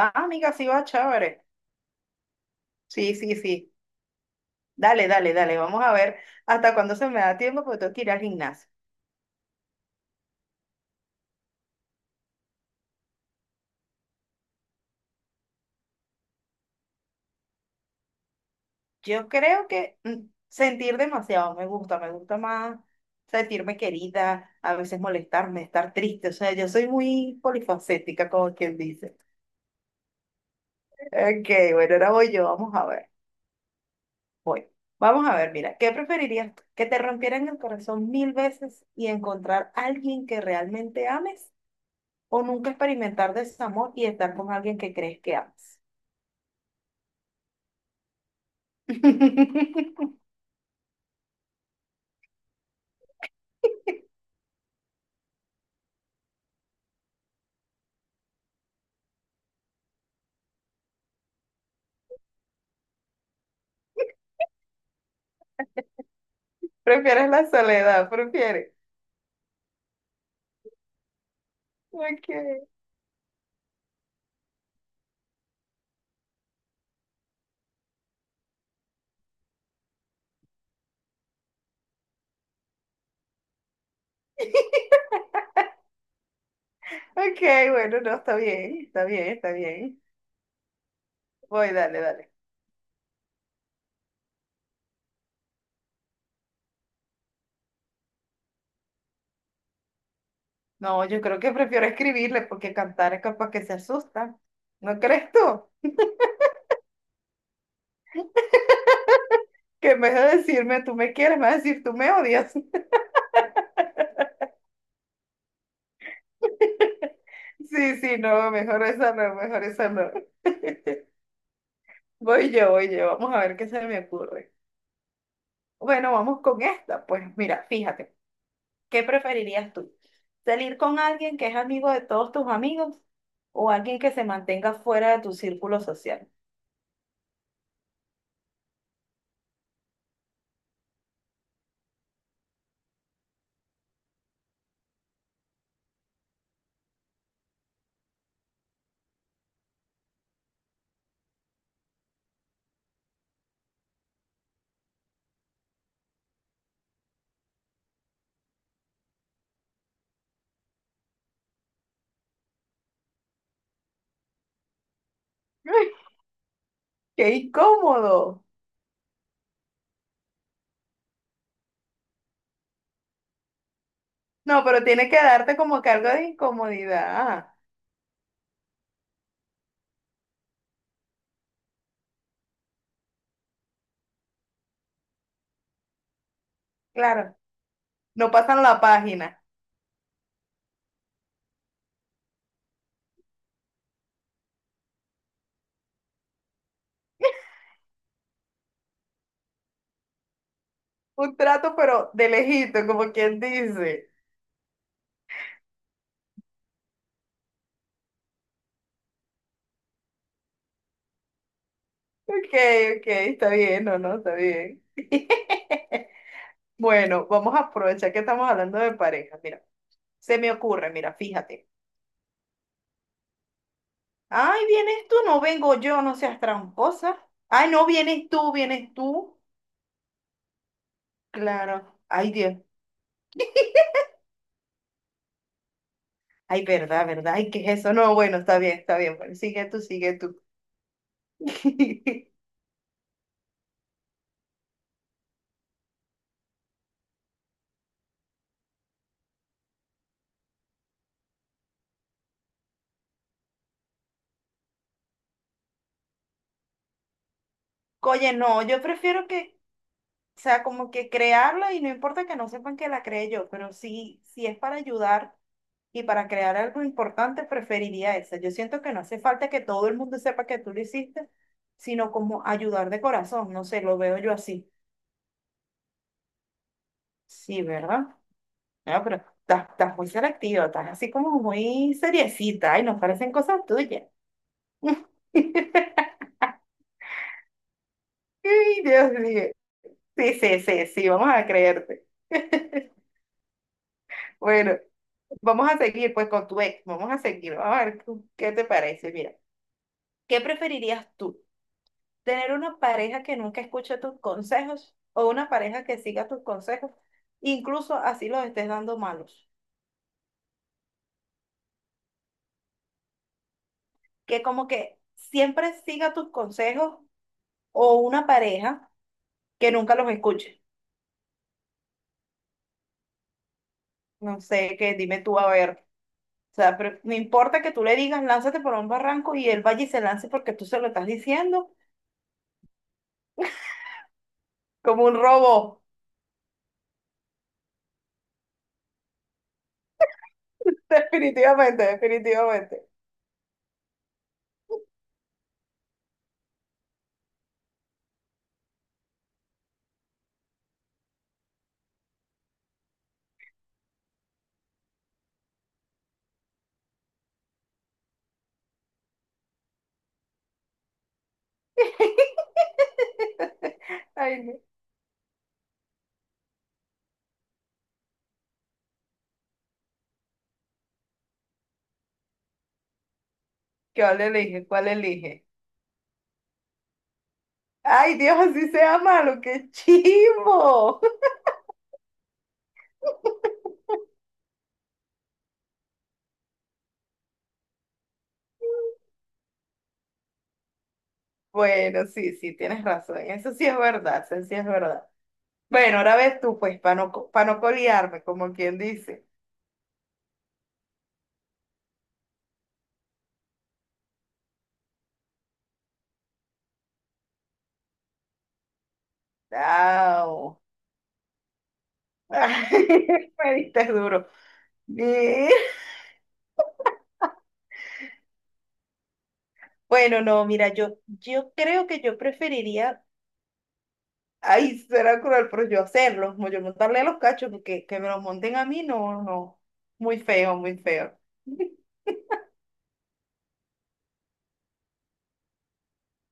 Va, amiga, sí va, chévere. Sí, sí, sí. Dale, dale, dale. Vamos a ver hasta cuándo se me da tiempo porque tengo que ir al gimnasio. Yo creo que sentir demasiado me gusta más sentirme querida, a veces molestarme, estar triste. O sea, yo soy muy polifacética, como quien dice. Ok, bueno, ahora voy yo, vamos a ver. Voy. Vamos a ver, mira, ¿qué preferirías? ¿Que te rompieran el corazón mil veces y encontrar a alguien que realmente ames? O nunca experimentar desamor y estar con alguien que crees que amas. Prefieres la soledad, prefieres. Ok, ok, bueno, no, está bien, está bien, está bien. Voy, dale, dale. No, yo creo que prefiero escribirle porque cantar es capaz que se asusta. ¿No crees tú? Que en vez de decirme tú me quieres, me vas a decir tú me odias. Sí, sí, no, mejor esa no, mejor esa no. Voy yo, vamos a ver qué se me ocurre. Bueno, vamos con esta. Pues mira, fíjate. ¿Qué preferirías tú? ¿Salir con alguien que es amigo de todos tus amigos o alguien que se mantenga fuera de tu círculo social? ¡Ay, ¡qué incómodo! No, pero tiene que darte como que algo de incomodidad. Ah, claro, no pasan la página. Un trato, pero de lejito, como quien dice. Ok, ok, está bien, no, no, está bien. Bueno, vamos a aprovechar que estamos hablando de pareja. Mira, se me ocurre, mira, fíjate. Ay, vienes tú, no vengo yo, no seas tramposa. Ay, no, vienes tú, vienes tú. Claro. Ay, Dios. Ay, verdad, verdad. Ay, ¿qué es eso? No, bueno, está bien, está bien. Bueno, sigue tú, sigue tú. Oye, no, yo prefiero que, o sea, como que crearla y no importa que no sepan que la creé yo, pero sí, sí es para ayudar. Y para crear algo importante preferiría esa. Yo siento que no hace falta que todo el mundo sepa que tú lo hiciste, sino como ayudar de corazón. No sé, lo veo yo así. Sí, ¿verdad? No, pero estás muy selectiva, estás así como muy seriecita y nos parecen cosas tuyas. Ay, Dios mío. Sí, sí, sí, sí, vamos a creerte. Bueno, vamos a seguir pues con tu ex, vamos a seguir, vamos a ver qué te parece. Mira, ¿qué preferirías tú? Tener una pareja que nunca escuche tus consejos o una pareja que siga tus consejos, incluso así los estés dando malos. Que como que siempre siga tus consejos o una pareja que nunca los escuche. No sé, que dime tú a ver. O sea, pero no importa que tú le digas, lánzate por un barranco y él vaya y se lance porque tú se lo estás diciendo como un robot. Definitivamente, definitivamente. Ay, no. ¿Cuál elige? ¿Cuál elige? Ay, Dios, así sea malo, qué chivo. Bueno, sí, sí, tienes razón. Eso sí es verdad, eso sí es verdad. Bueno, ahora ves tú, pues, para no, pa' no colearme, como quien dice. Chao. Me diste duro. Eh, Bueno, no, mira, yo creo que yo preferiría, ay, será cruel, pero yo hacerlo, como yo montarle a los cachos, porque que me los monten a mí, no, no. Muy feo, muy feo.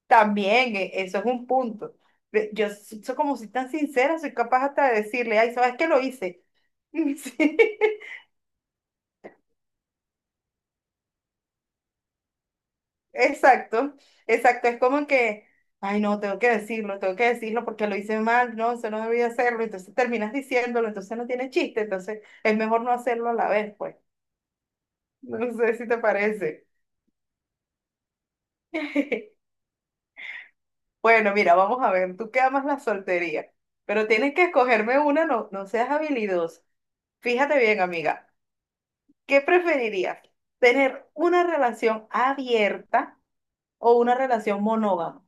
También, eso es un punto. Como soy tan sincera, soy capaz hasta de decirle, ay, ¿sabes qué lo hice? Sí, exacto, exacto. Es como que, ay, no, tengo que decirlo porque lo hice mal, no, se no debía hacerlo. Entonces terminas diciéndolo, entonces no tiene chiste, entonces es mejor no hacerlo a la vez, pues. No sé si te parece. Bueno, mira, vamos a ver, tú que amas la soltería, pero tienes que escogerme una, no, no seas habilidosa. Fíjate bien, amiga. ¿Qué preferirías? ¿Tener una relación abierta o una relación monógama?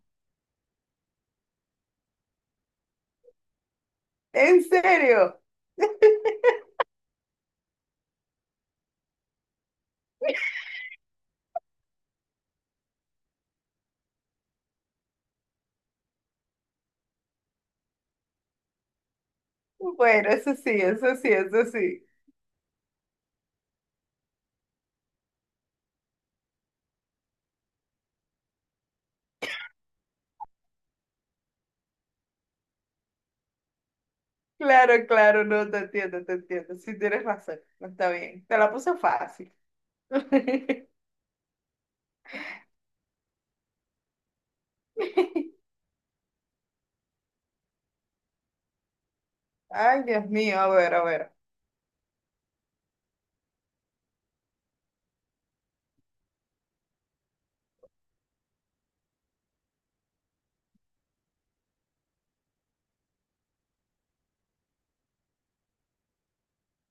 ¿En serio? Bueno, eso sí, eso sí, eso sí. Claro, claro, no, te entiendo, te entiendo. Sí, tienes razón, no está bien. Te la puse fácil. Ay, Dios mío, a ver, a ver.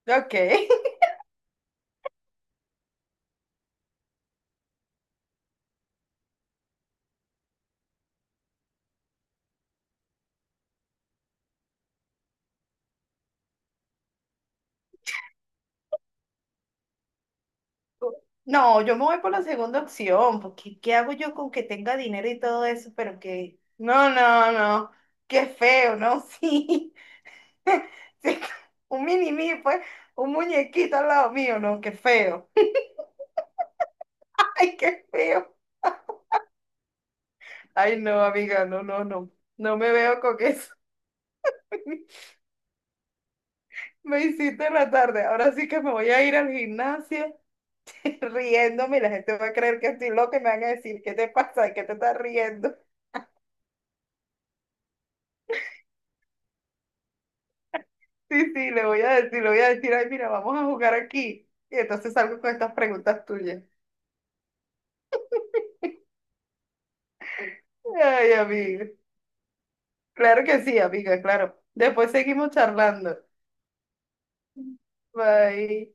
Ok. No, yo me voy por la segunda opción, porque ¿qué hago yo con que tenga dinero y todo eso? Pero que... No, no, no. Qué feo, ¿no? Sí. Sí, un mini mí pues, un muñequito al lado mío, no, qué feo. Ay, qué feo. Ay, no, amiga, no, no, no. No me veo con eso. Me hiciste en la tarde. Ahora sí que me voy a ir al gimnasio riéndome y la gente va a creer que estoy loca y me van a decir, ¿qué te pasa? ¿De ¿Qué te estás riendo? Sí, sí, le voy a decir, le voy a decir, ay, mira, vamos a jugar aquí. Y entonces salgo con estas preguntas tuyas. Ay, amiga. Claro que sí, amiga, claro. Después seguimos charlando. Bye.